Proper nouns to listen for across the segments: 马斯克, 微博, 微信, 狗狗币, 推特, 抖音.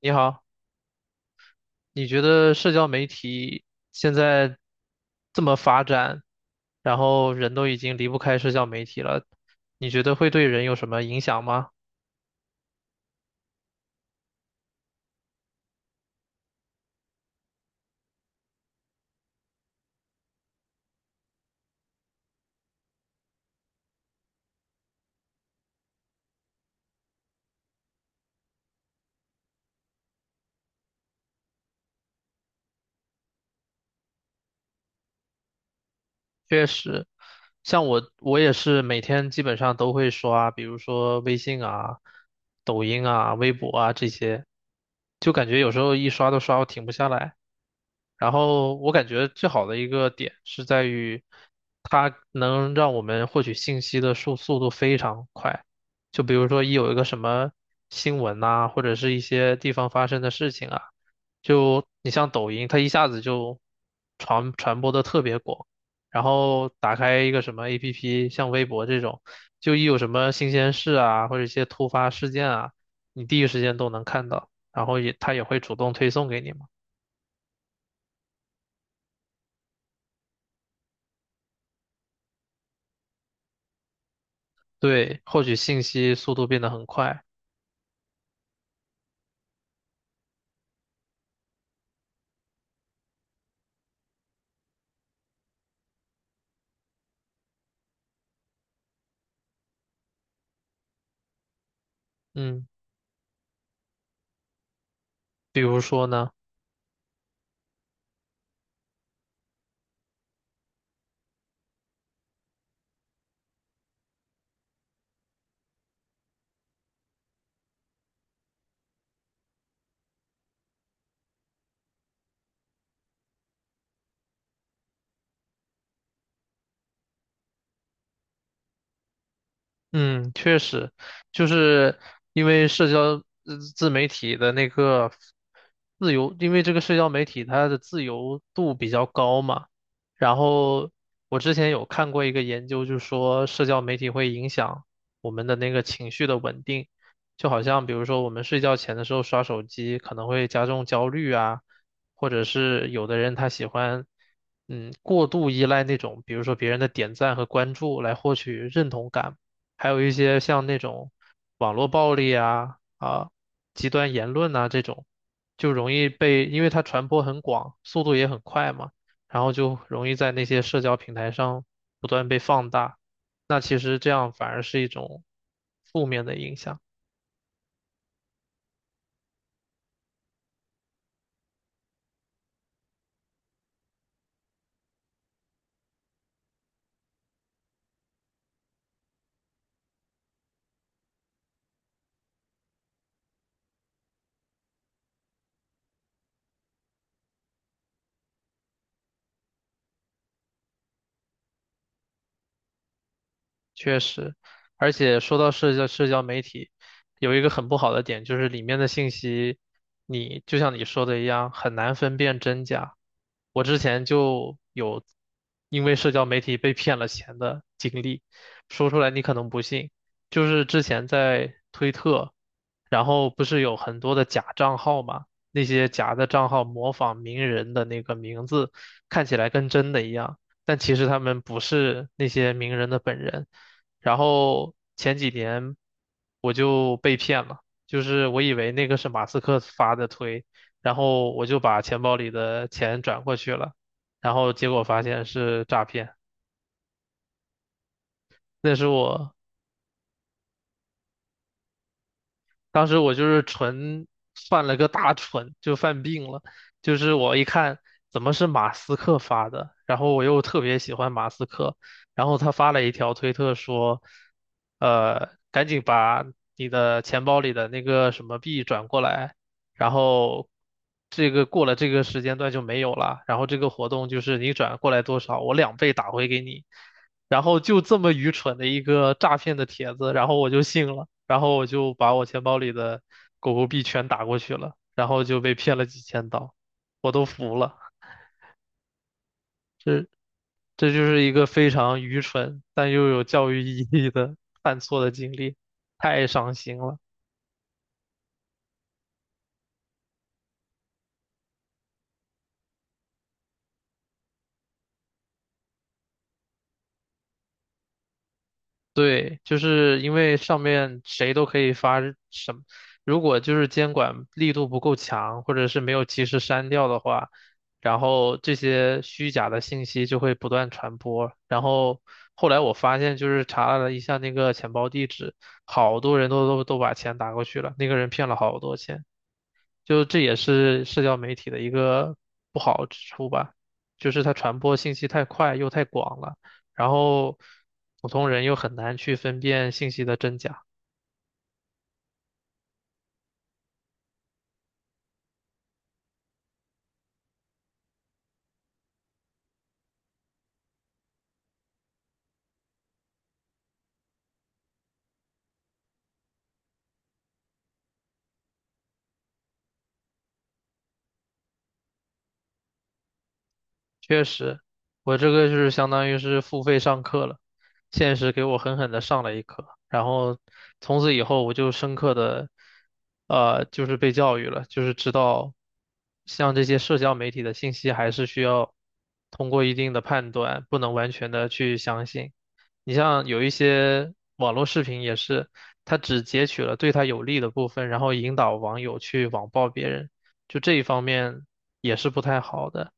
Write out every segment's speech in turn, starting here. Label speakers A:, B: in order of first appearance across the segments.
A: 你好，你觉得社交媒体现在这么发展，然后人都已经离不开社交媒体了，你觉得会对人有什么影响吗？确实，像我，我也是每天基本上都会刷，比如说微信啊、抖音啊、微博啊这些，就感觉有时候一刷都刷，我停不下来。然后我感觉最好的一个点是在于，它能让我们获取信息的速度非常快。就比如说一有一个什么新闻呐、或者是一些地方发生的事情啊，就你像抖音，它一下子就传播的特别广。然后打开一个什么 APP，像微博这种，就一有什么新鲜事啊，或者一些突发事件啊，你第一时间都能看到，然后也它也会主动推送给你嘛。对，获取信息速度变得很快。嗯，比如说呢？嗯，确实，就是因为社交自媒体的那个自由，因为这个社交媒体它的自由度比较高嘛。然后我之前有看过一个研究，就说社交媒体会影响我们的那个情绪的稳定，就好像比如说我们睡觉前的时候刷手机，可能会加重焦虑啊，或者是有的人他喜欢。嗯，过度依赖那种，比如说别人的点赞和关注来获取认同感。还有一些像那种网络暴力啊极端言论呐、这种，就容易被，因为它传播很广，速度也很快嘛，然后就容易在那些社交平台上不断被放大。那其实这样反而是一种负面的影响。确实，而且说到社交媒体，有一个很不好的点，就是里面的信息，你就像你说的一样，很难分辨真假。我之前就有因为社交媒体被骗了钱的经历，说出来你可能不信，就是之前在推特，然后不是有很多的假账号嘛，那些假的账号模仿名人的那个名字，看起来跟真的一样。但其实他们不是那些名人的本人，然后前几年我就被骗了，就是我以为那个是马斯克发的推，然后我就把钱包里的钱转过去了，然后结果发现是诈骗，那是我当时我就是纯犯了个大蠢，就犯病了。就是我一看怎么是马斯克发的，然后我又特别喜欢马斯克，然后他发了一条推特说，赶紧把你的钱包里的那个什么币转过来，然后这个过了这个时间段就没有了，然后这个活动就是你转过来多少，我2倍打回给你。然后就这么愚蠢的一个诈骗的帖子，然后我就信了。然后我就把我钱包里的狗狗币全打过去了，然后就被骗了几千刀，我都服了。这就是一个非常愚蠢但又有教育意义的 犯错的经历，太伤心了。对，就是因为上面谁都可以发什么，如果就是监管力度不够强，或者是没有及时删掉的话，然后这些虚假的信息就会不断传播。然后后来我发现，就是查了一下那个钱包地址，好多人都把钱打过去了，那个人骗了好多钱。就这也是社交媒体的一个不好之处吧，就是它传播信息太快又太广了，然后普通人又很难去分辨信息的真假。确实，我这个就是相当于是付费上课了，现实给我狠狠的上了一课，然后从此以后我就深刻的，就是被教育了，就是知道像这些社交媒体的信息还是需要通过一定的判断，不能完全的去相信。你像有一些网络视频也是，他只截取了对他有利的部分，然后引导网友去网暴别人，就这一方面也是不太好的。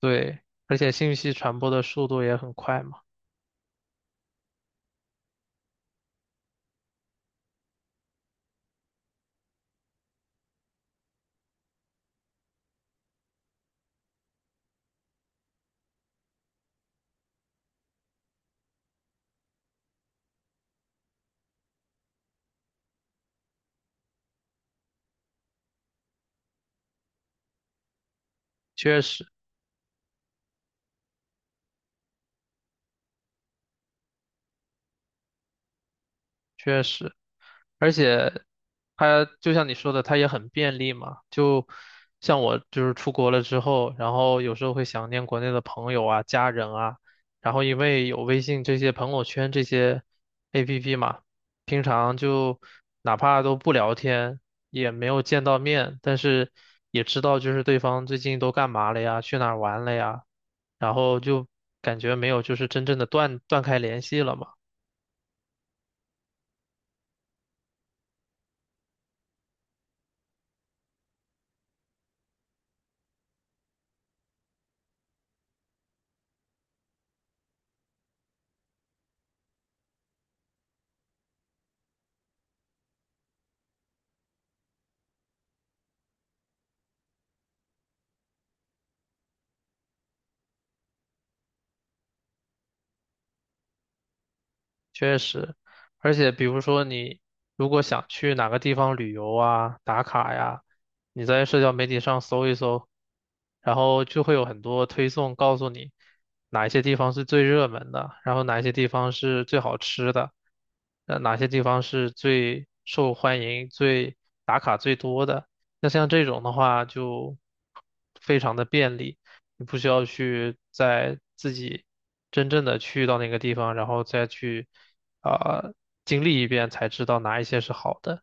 A: 对，而且信息传播的速度也很快嘛，确实，确实。而且它就像你说的，它也很便利嘛。就像我就是出国了之后，然后有时候会想念国内的朋友啊、家人啊，然后因为有微信这些朋友圈这些 APP 嘛，平常就哪怕都不聊天，也没有见到面，但是也知道就是对方最近都干嘛了呀，去哪儿玩了呀，然后就感觉没有就是真正的断开联系了嘛。确实，而且比如说你如果想去哪个地方旅游啊、打卡呀，你在社交媒体上搜一搜，然后就会有很多推送告诉你哪一些地方是最热门的，然后哪一些地方是最好吃的，哪些地方是最受欢迎、最打卡最多的。那像这种的话就非常的便利。你不需要去在自己真正的去到那个地方，然后再去啊、呃经历一遍才知道哪一些是好的。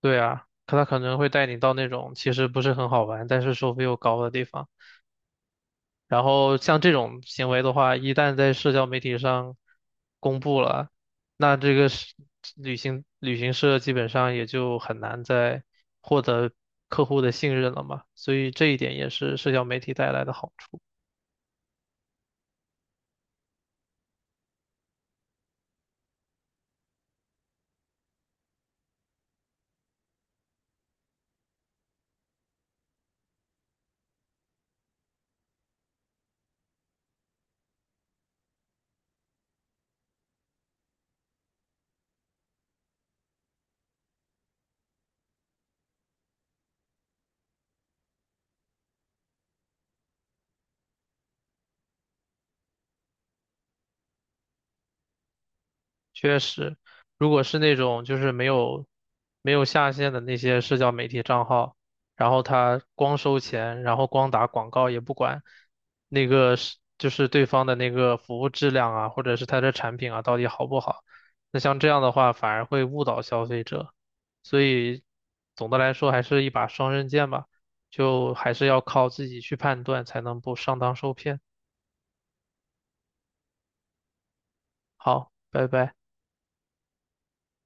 A: 对啊，可他可能会带你到那种其实不是很好玩，但是收费又高的地方。然后像这种行为的话，一旦在社交媒体上公布了，那这个是旅行社基本上也就很难再获得客户的信任了嘛。所以这一点也是社交媒体带来的好处。确实，如果是那种就是没有下线的那些社交媒体账号，然后他光收钱，然后光打广告也不管那个是就是对方的那个服务质量啊，或者是他的产品啊到底好不好，那像这样的话反而会误导消费者，所以总的来说还是一把双刃剑吧，就还是要靠自己去判断才能不上当受骗。好，拜拜。